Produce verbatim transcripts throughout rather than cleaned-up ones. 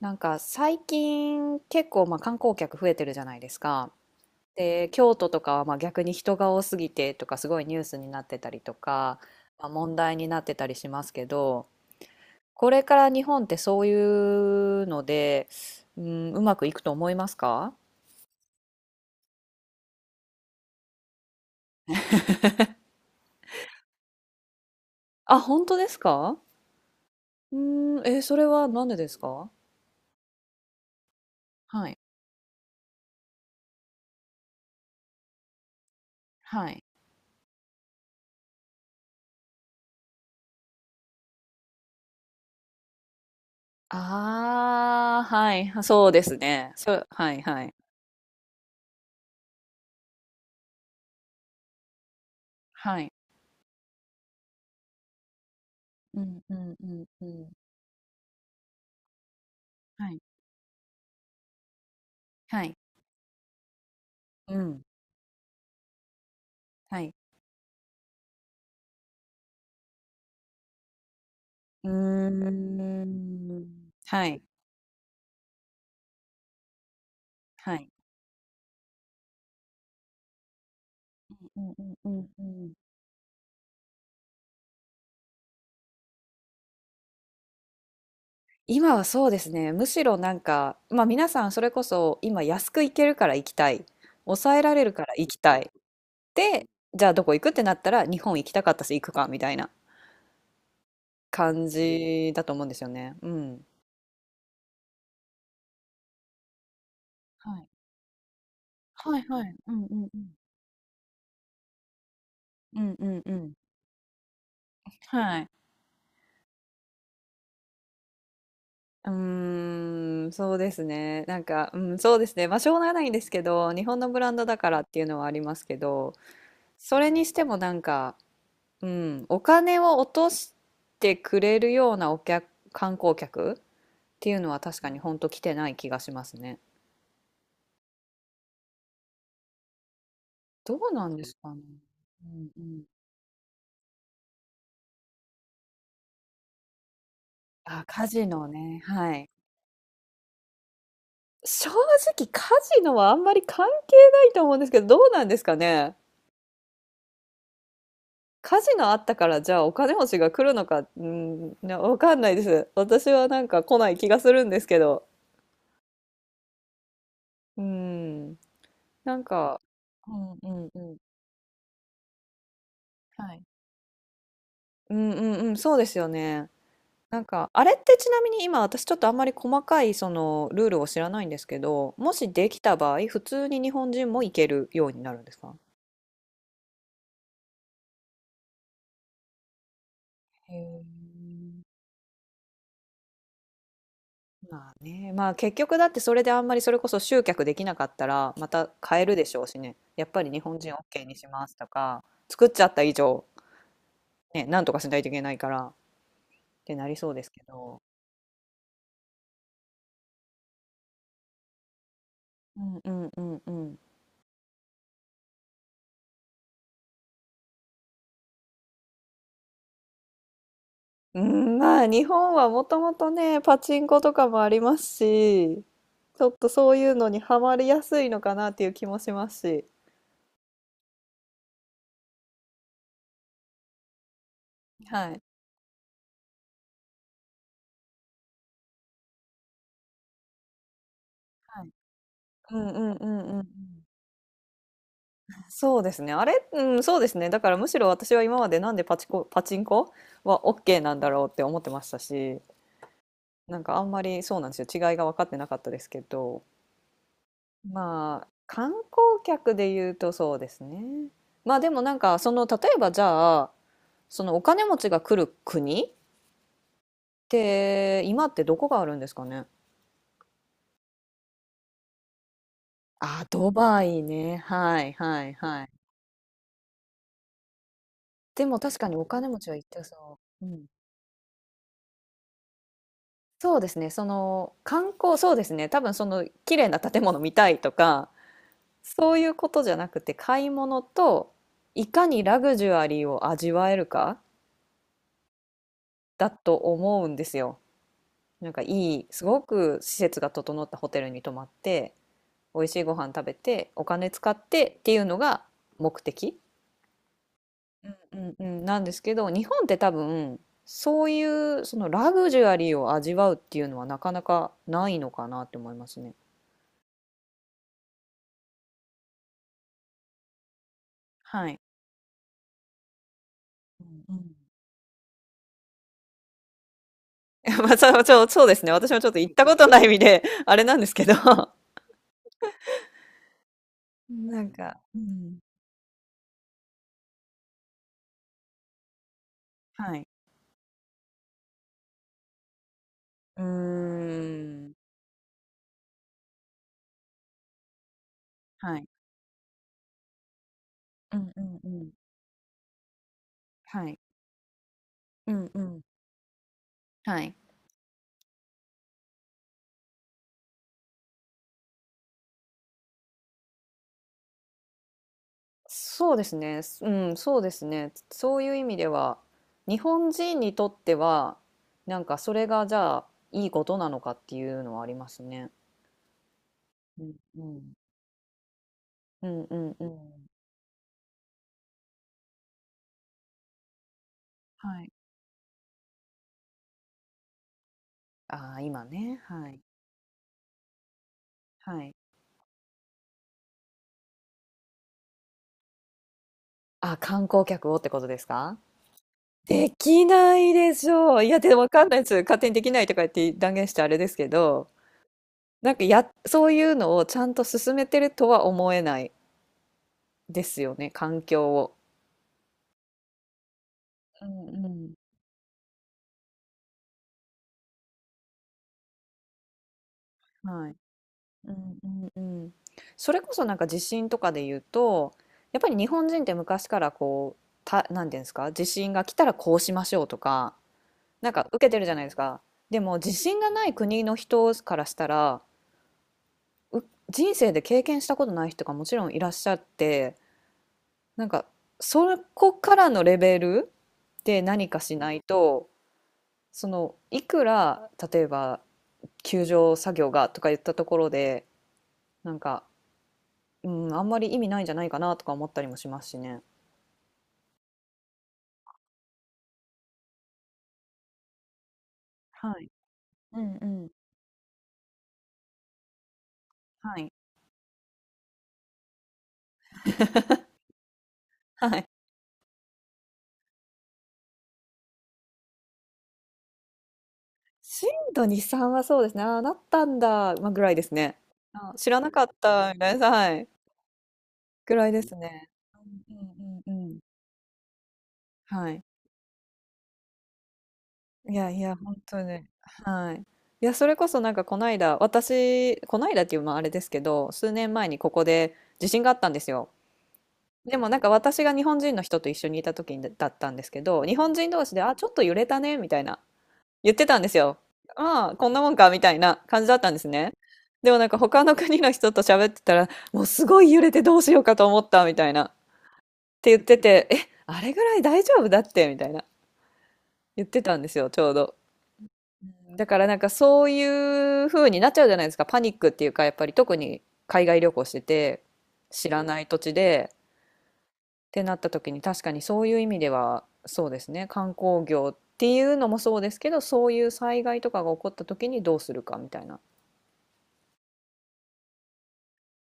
なんか最近結構まあ観光客増えてるじゃないですか。で、京都とかはまあ逆に人が多すぎてとかすごいニュースになってたりとか、まあ、問題になってたりしますけど、これから日本ってそういうので、うん、うまくいくと思いますか？あ、本当ですか？うん、えーそれはなんでですか？はい。はい。ああ、はい。そうですね。そう、はい、はい。はい。うん、うん、うん、うん。はい。はい。うん。はい。うーん。はい。はい。うんうんうんうん。今はそうですね。むしろなんか、まあ皆さんそれこそ今安く行けるから行きたい。抑えられるから行きたい。で、じゃあどこ行くってなったら日本行きたかったし行くかみたいな感じだと思うんですよね。うん。はい。はいはい。うんうんうん。うんうんうん。はい。うーん、そうですね。なんか、うん、そうですね。まあ、しょうがないんですけど、日本のブランドだからっていうのはありますけど、それにしてもなんか、うん、お金を落としてくれるようなお客、観光客っていうのは確かに本当来てない気がしますね。どうなんですかね。うんうん。あ、カジノね。はい。正直カジノはあんまり関係ないと思うんですけど、どうなんですかね。火事があったから、じゃあお金持ちが来るのか、うん、なわかんないです。私はなんか来ない気がするんですけど。うん。なんか、うんうんうん。はい。うんうんうん、そうですよね。なんか、あれってちなみに今私ちょっとあんまり細かいそのルールを知らないんですけど、もしできた場合、普通に日本人も行けるようになるんですか？へー。まあね、まあ結局だってそれであんまりそれこそ集客できなかったらまた変えるでしょうしね。やっぱり日本人 OK にしますとか、作っちゃった以上、ね、なんとかしないといけないからってなりそうですけど。うんうんうんうん。うん、まあ日本はもともとね、パチンコとかもありますし、ちょっとそういうのにハマりやすいのかなっていう気もしますし。はい。はい。うんうんうんうんうん。そうですね。あれ、うん、そうですね。だからむしろ私は今までなんでパチコ、パチンコは OK なんだろうって思ってましたし、なんかあんまりそうなんですよ。違いが分かってなかったですけど、まあ、観光客で言うとそうですね。まあでもなんか、その、例えばじゃあ、そのお金持ちが来る国って、今ってどこがあるんですかね。あ、ドバイね。はいはいはい。でも確かにお金持ちは行ってそう。うん。そうですね、その観光、そうですね、多分その綺麗な建物見たいとか、そういうことじゃなくて、買い物といかにラグジュアリーを味わえるかだと思うんですよ。なんかいい、すごく施設が整ったホテルに泊まって、美味しいご飯食べて、お金使ってっていうのが目的、うんうん、なんですけど、日本って多分、そういうそのラグジュアリーを味わうっていうのはなかなかないのかなって思いますね。はい。うんうん。 まあ、そう そうそうですね。私もちょっと行ったことない意味で、あれなんですけど、なんか、うん、はい。うーん、はい。うんうんうん。はい。うんうん。はい。そうですね。すうん、そうですね。そういう意味では、日本人にとっては、なんかそれがじゃあいいことなのかっていうのはありますね。うんうん。うんうんうん。はい。ああ、今ね。はい。はい。あ、観光客をってことですか？できないでしょう。いや、で、わかんないです。勝手にできないとか言って断言してあれですけど、なんかや、そういうのをちゃんと進めてるとは思えないですよね、環境を。うんうん。はい。うんうんうん。それこそなんか地震とかで言うと、やっぱり日本人って昔からこう、た、なんていうんですか、地震が来たらこうしましょうとか、なんか受けてるじゃないですか。でも地震がない国の人からしたら、う人生で経験したことない人がもちろんいらっしゃって、なんかそこからのレベルで何かしないとそのいくら例えば救助作業がとか言ったところでなんか、うん、あんまり意味ないんじゃないかなとか思ったりもしますしね。はい。うんうん。はい。はい。震度に、さんはそうですね。ああ、なったんだ、まあ、ぐらいですね。あ、知らなかった、みたいな、はい。ぐらいですね。うんうんうんうん。はい。いやいや、本当に。はい。いや、それこそなんかこの間、私、この間っていうまああれですけど、数年前にここで地震があったんですよ。でもなんか私が日本人の人と一緒にいた時にだったんですけど、日本人同士で、あ、ちょっと揺れたね、みたいな言ってたんですよ。ああ、こんなもんか、みたいな感じだったんですね。でもなんか他の国の人と喋ってたら、もうすごい揺れてどうしようかと思った、みたいな。って言ってて、え、あれぐらい大丈夫だって、みたいな言ってたんですよ、ちょうど。だからなんかそういう風になっちゃうじゃないですか。パニックっていうか、やっぱり特に海外旅行してて、知らない土地で、ってなった時に確かにそういう意味では、そうですね。観光業っていうのもそうですけど、そういう災害とかが起こった時にどうするかみたいな。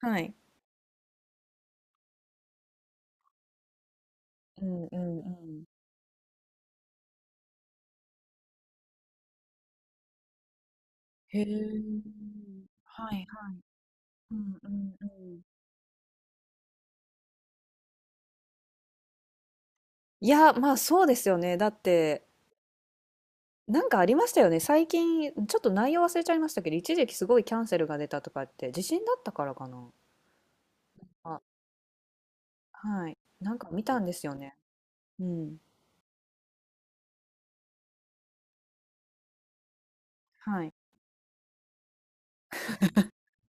はい。うんうんうん。へえ。うんうんうん。いや、まあそうですよね。だって、なんかありましたよね。最近、ちょっと内容忘れちゃいましたけど、一時期すごいキャンセルが出たとかって、地震だったからかな。はい。なんか見たんですよね。うん。はい。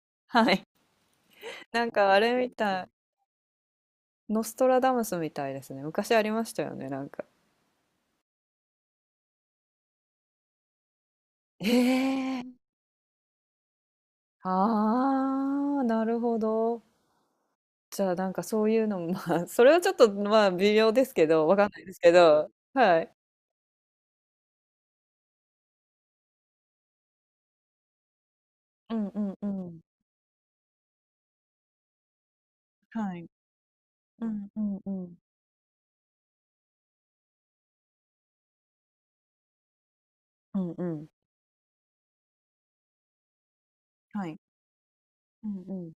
はい。なんかあれみたい。ノストラダムスみたいですね。昔ありましたよね、なんか。ええ。 ああ、なるほど。じゃあなんかそういうのも、まあ、それはちょっとまあ微妙ですけど、わかんないですけど、はい。うんうんうん。はい。うんうんうん。うんうん。はい。うんうん。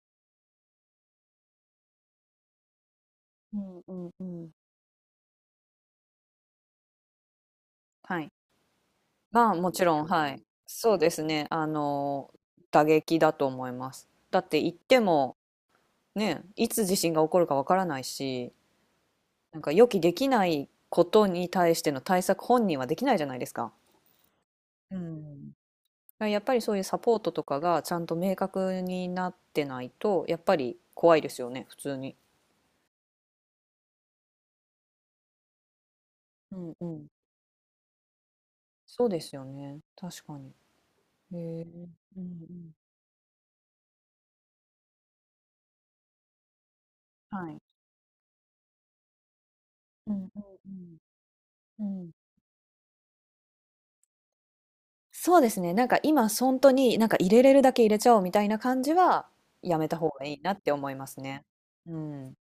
うんうんうん。はい。まあもちろん、はい。そうですね。あの、打撃だと思います。だって言っても、ね、いつ地震が起こるかわからないし、なんか予期できないことに対しての対策本人はできないじゃないですか。うん。だからやっぱりそういうサポートとかがちゃんと明確になってないと、やっぱり怖いですよね、普通に。うんうん。そうですよね。確かに。へえ。うんうん。はい。うんうんうん。うん。そうですね、なんか今本当に、なんか入れれるだけ入れちゃおうみたいな感じはやめた方がいいなって思いますね。うん。